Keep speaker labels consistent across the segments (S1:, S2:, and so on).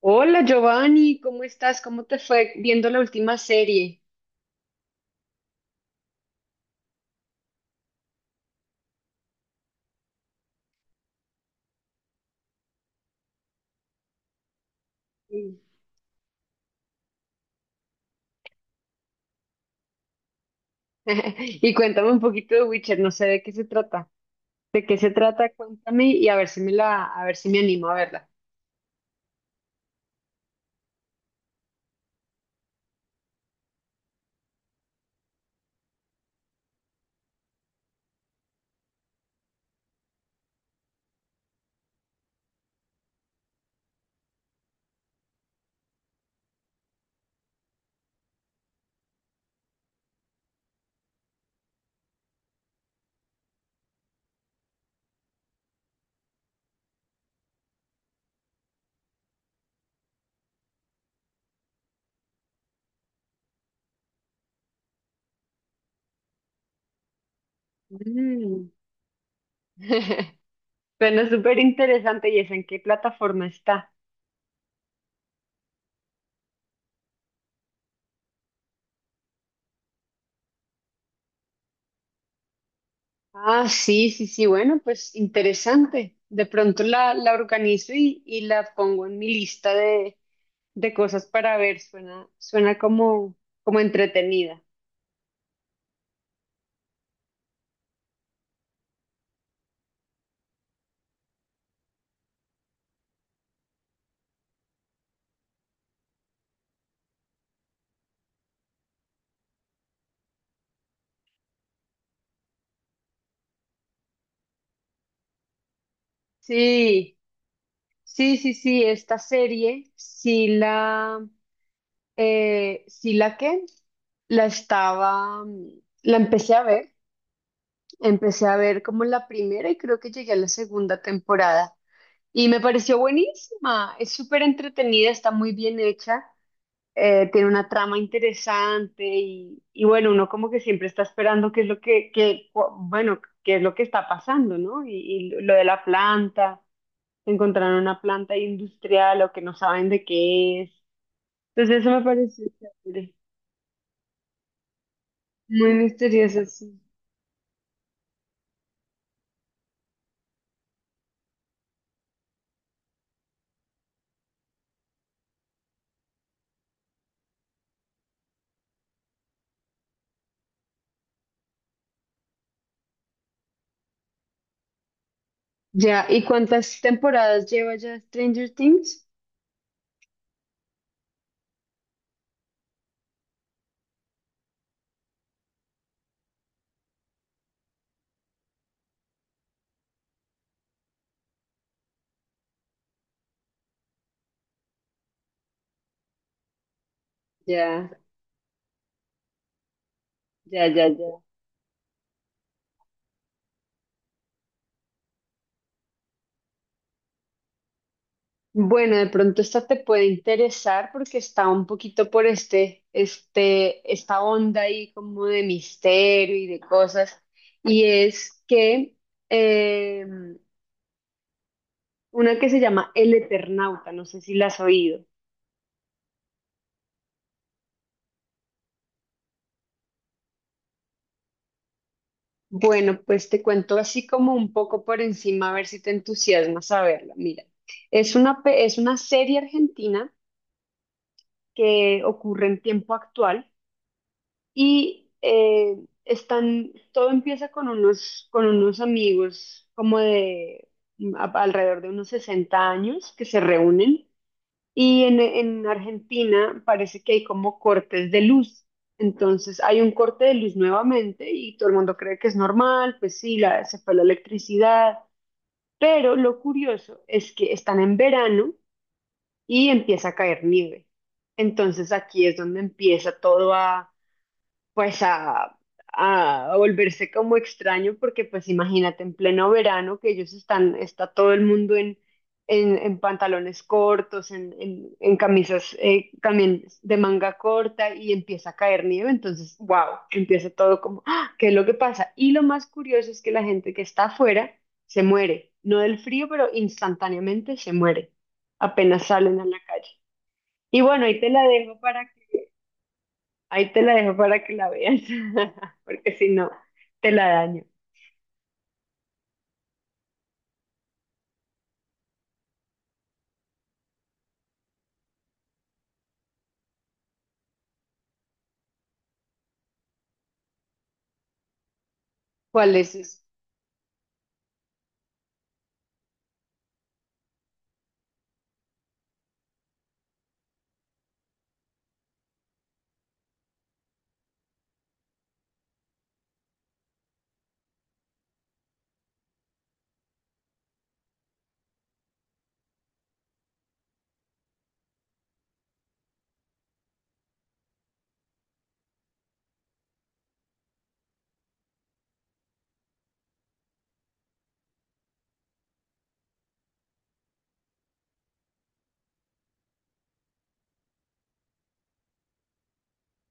S1: Hola Giovanni, ¿cómo estás? ¿Cómo te fue viendo la última serie? Sí. Y cuéntame un poquito de Witcher, no sé de qué se trata. ¿De qué se trata? Cuéntame y a ver si a ver si me animo a verla. Mm. Bueno, súper interesante. ¿Y es en qué plataforma está? Ah, sí, sí, sí. Bueno, pues interesante. De pronto la organizo y la pongo en mi lista de cosas para ver. Suena como, como entretenida. Sí. Sí, sí, sí, esta serie, sí la que la estaba, mm, la empecé a ver como la primera y creo que llegué a la segunda temporada y me pareció buenísima, es súper entretenida, está muy bien hecha, tiene una trama interesante y bueno, uno como que siempre está esperando qué es lo que, bueno, qué es lo que está pasando, ¿no? Y lo de la planta encontraron una planta industrial o que no saben de qué es. Entonces eso me pareció chévere, muy misterioso, sí. Ya, ¿y cuántas temporadas lleva ya Stranger Things? Ya, ya, ya, ya. Bueno, de pronto esta te puede interesar porque está un poquito por esta onda ahí como de misterio y de cosas. Y es que eh, una que se llama El Eternauta, no sé si la has oído. Bueno, pues te cuento así como un poco por encima, a ver si te entusiasma saberla. Mira, es es una serie argentina que ocurre en tiempo actual y están, todo empieza con con unos amigos como de alrededor de unos 60 años que se reúnen y en Argentina parece que hay como cortes de luz. Entonces hay un corte de luz nuevamente y todo el mundo cree que es normal, pues sí, la, se fue la electricidad. Pero lo curioso es que están en verano y empieza a caer nieve. Entonces aquí es donde empieza todo a pues a, a volverse como extraño, porque pues imagínate en pleno verano que ellos están, está todo el mundo en pantalones cortos, en camisas también de manga corta y empieza a caer nieve, entonces, wow, empieza todo como, ¡ah! ¿Qué es lo que pasa? Y lo más curioso es que la gente que está afuera se muere, no del frío, pero instantáneamente se muere, apenas salen a la calle. Y bueno, ahí te la dejo para ahí te la dejo para que la veas, porque si no, te la daño. ¿Cuál es eso?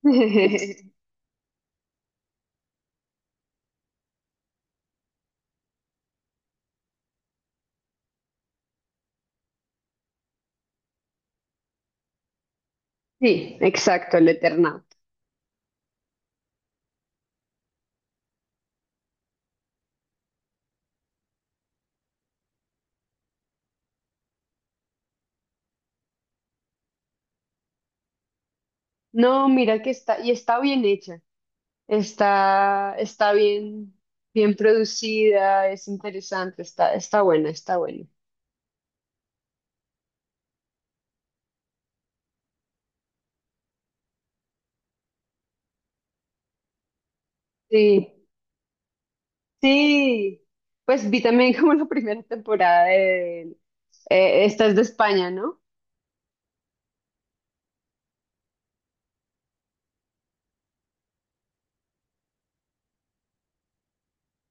S1: Sí, exacto, el Eternauta. No, mira que está, y está bien hecha, está, está bien, bien producida, es interesante, está, está buena, está buena. Sí, sí, pues vi también como la primera temporada de, esta es de España, ¿no?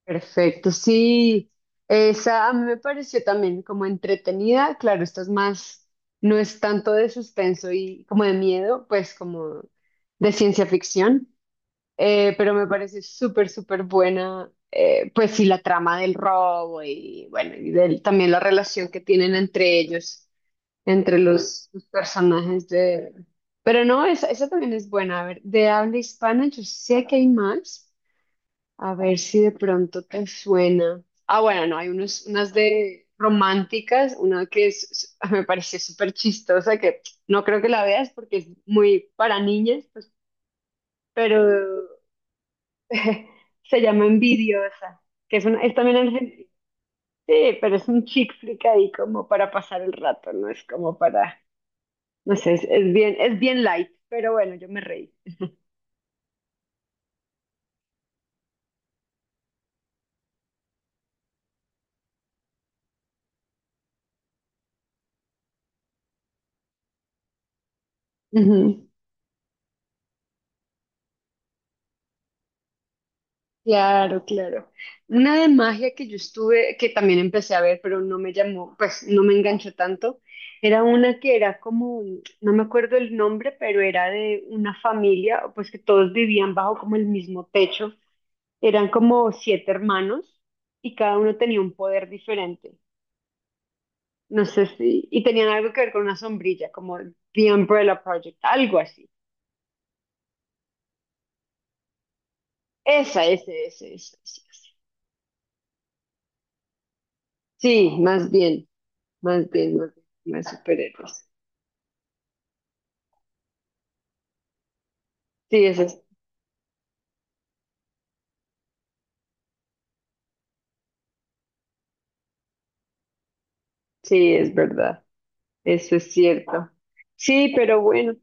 S1: Perfecto, sí, esa a mí me pareció también como entretenida, claro, esta es más, no es tanto de suspenso y como de miedo, pues como de ciencia ficción, pero me parece súper, súper buena, pues sí, la trama del robo y bueno, y del- también la relación que tienen entre ellos, entre los personajes de... Pero no, esa también es buena, a ver, de habla hispana, yo sé que hay más. A ver si de pronto te suena. Ah, bueno, no, hay unos, unas de románticas, una que es- me pareció súper chistosa, que no creo que la veas porque es muy para niñas, pues, pero se llama Envidiosa, que es, una, es también argentina. Sí, pero es un chick flick ahí como para pasar el rato, no es como para, no sé, es bien light, pero bueno, yo me reí. Ujú. Claro, claro. Una de magia que yo estuve, que también empecé a ver, pero no me llamó, pues no me enganchó tanto, era una que era como, no me acuerdo el nombre, pero era de una familia, pues que todos vivían bajo como el mismo techo. Eran como siete hermanos y cada uno tenía un poder diferente. No sé si, y tenían algo que ver con una sombrilla, como The Umbrella Project, algo así. Esa, ese, ese, ese, ese. Ese. Sí, más bien, más bien, más bien, más superhéroes. Sí, eso es, sí, es verdad. Eso es cierto. Sí, pero bueno,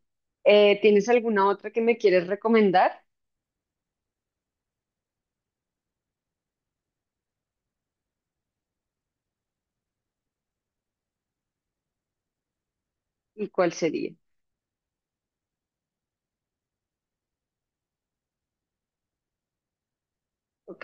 S1: ¿tienes alguna otra que me quieres recomendar? ¿Y cuál sería? Ok,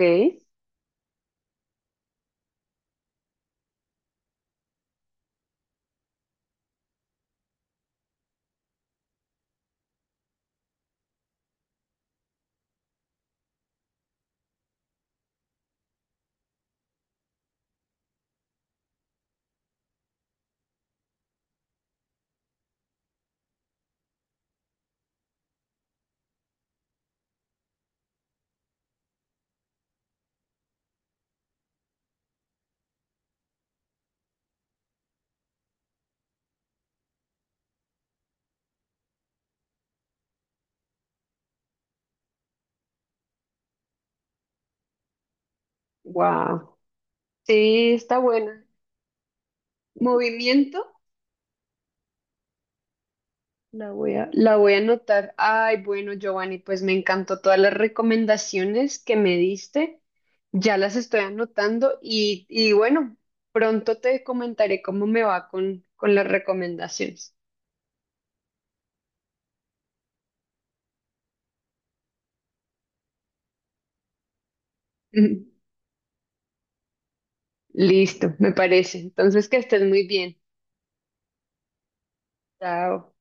S1: wow. Sí, está buena. Movimiento, la voy a anotar. Ay, bueno, Giovanni, pues me encantó todas las recomendaciones que me diste. Ya las estoy anotando y bueno, pronto te comentaré cómo me va con las recomendaciones. Listo, me parece. Entonces, que estés muy bien. Chao.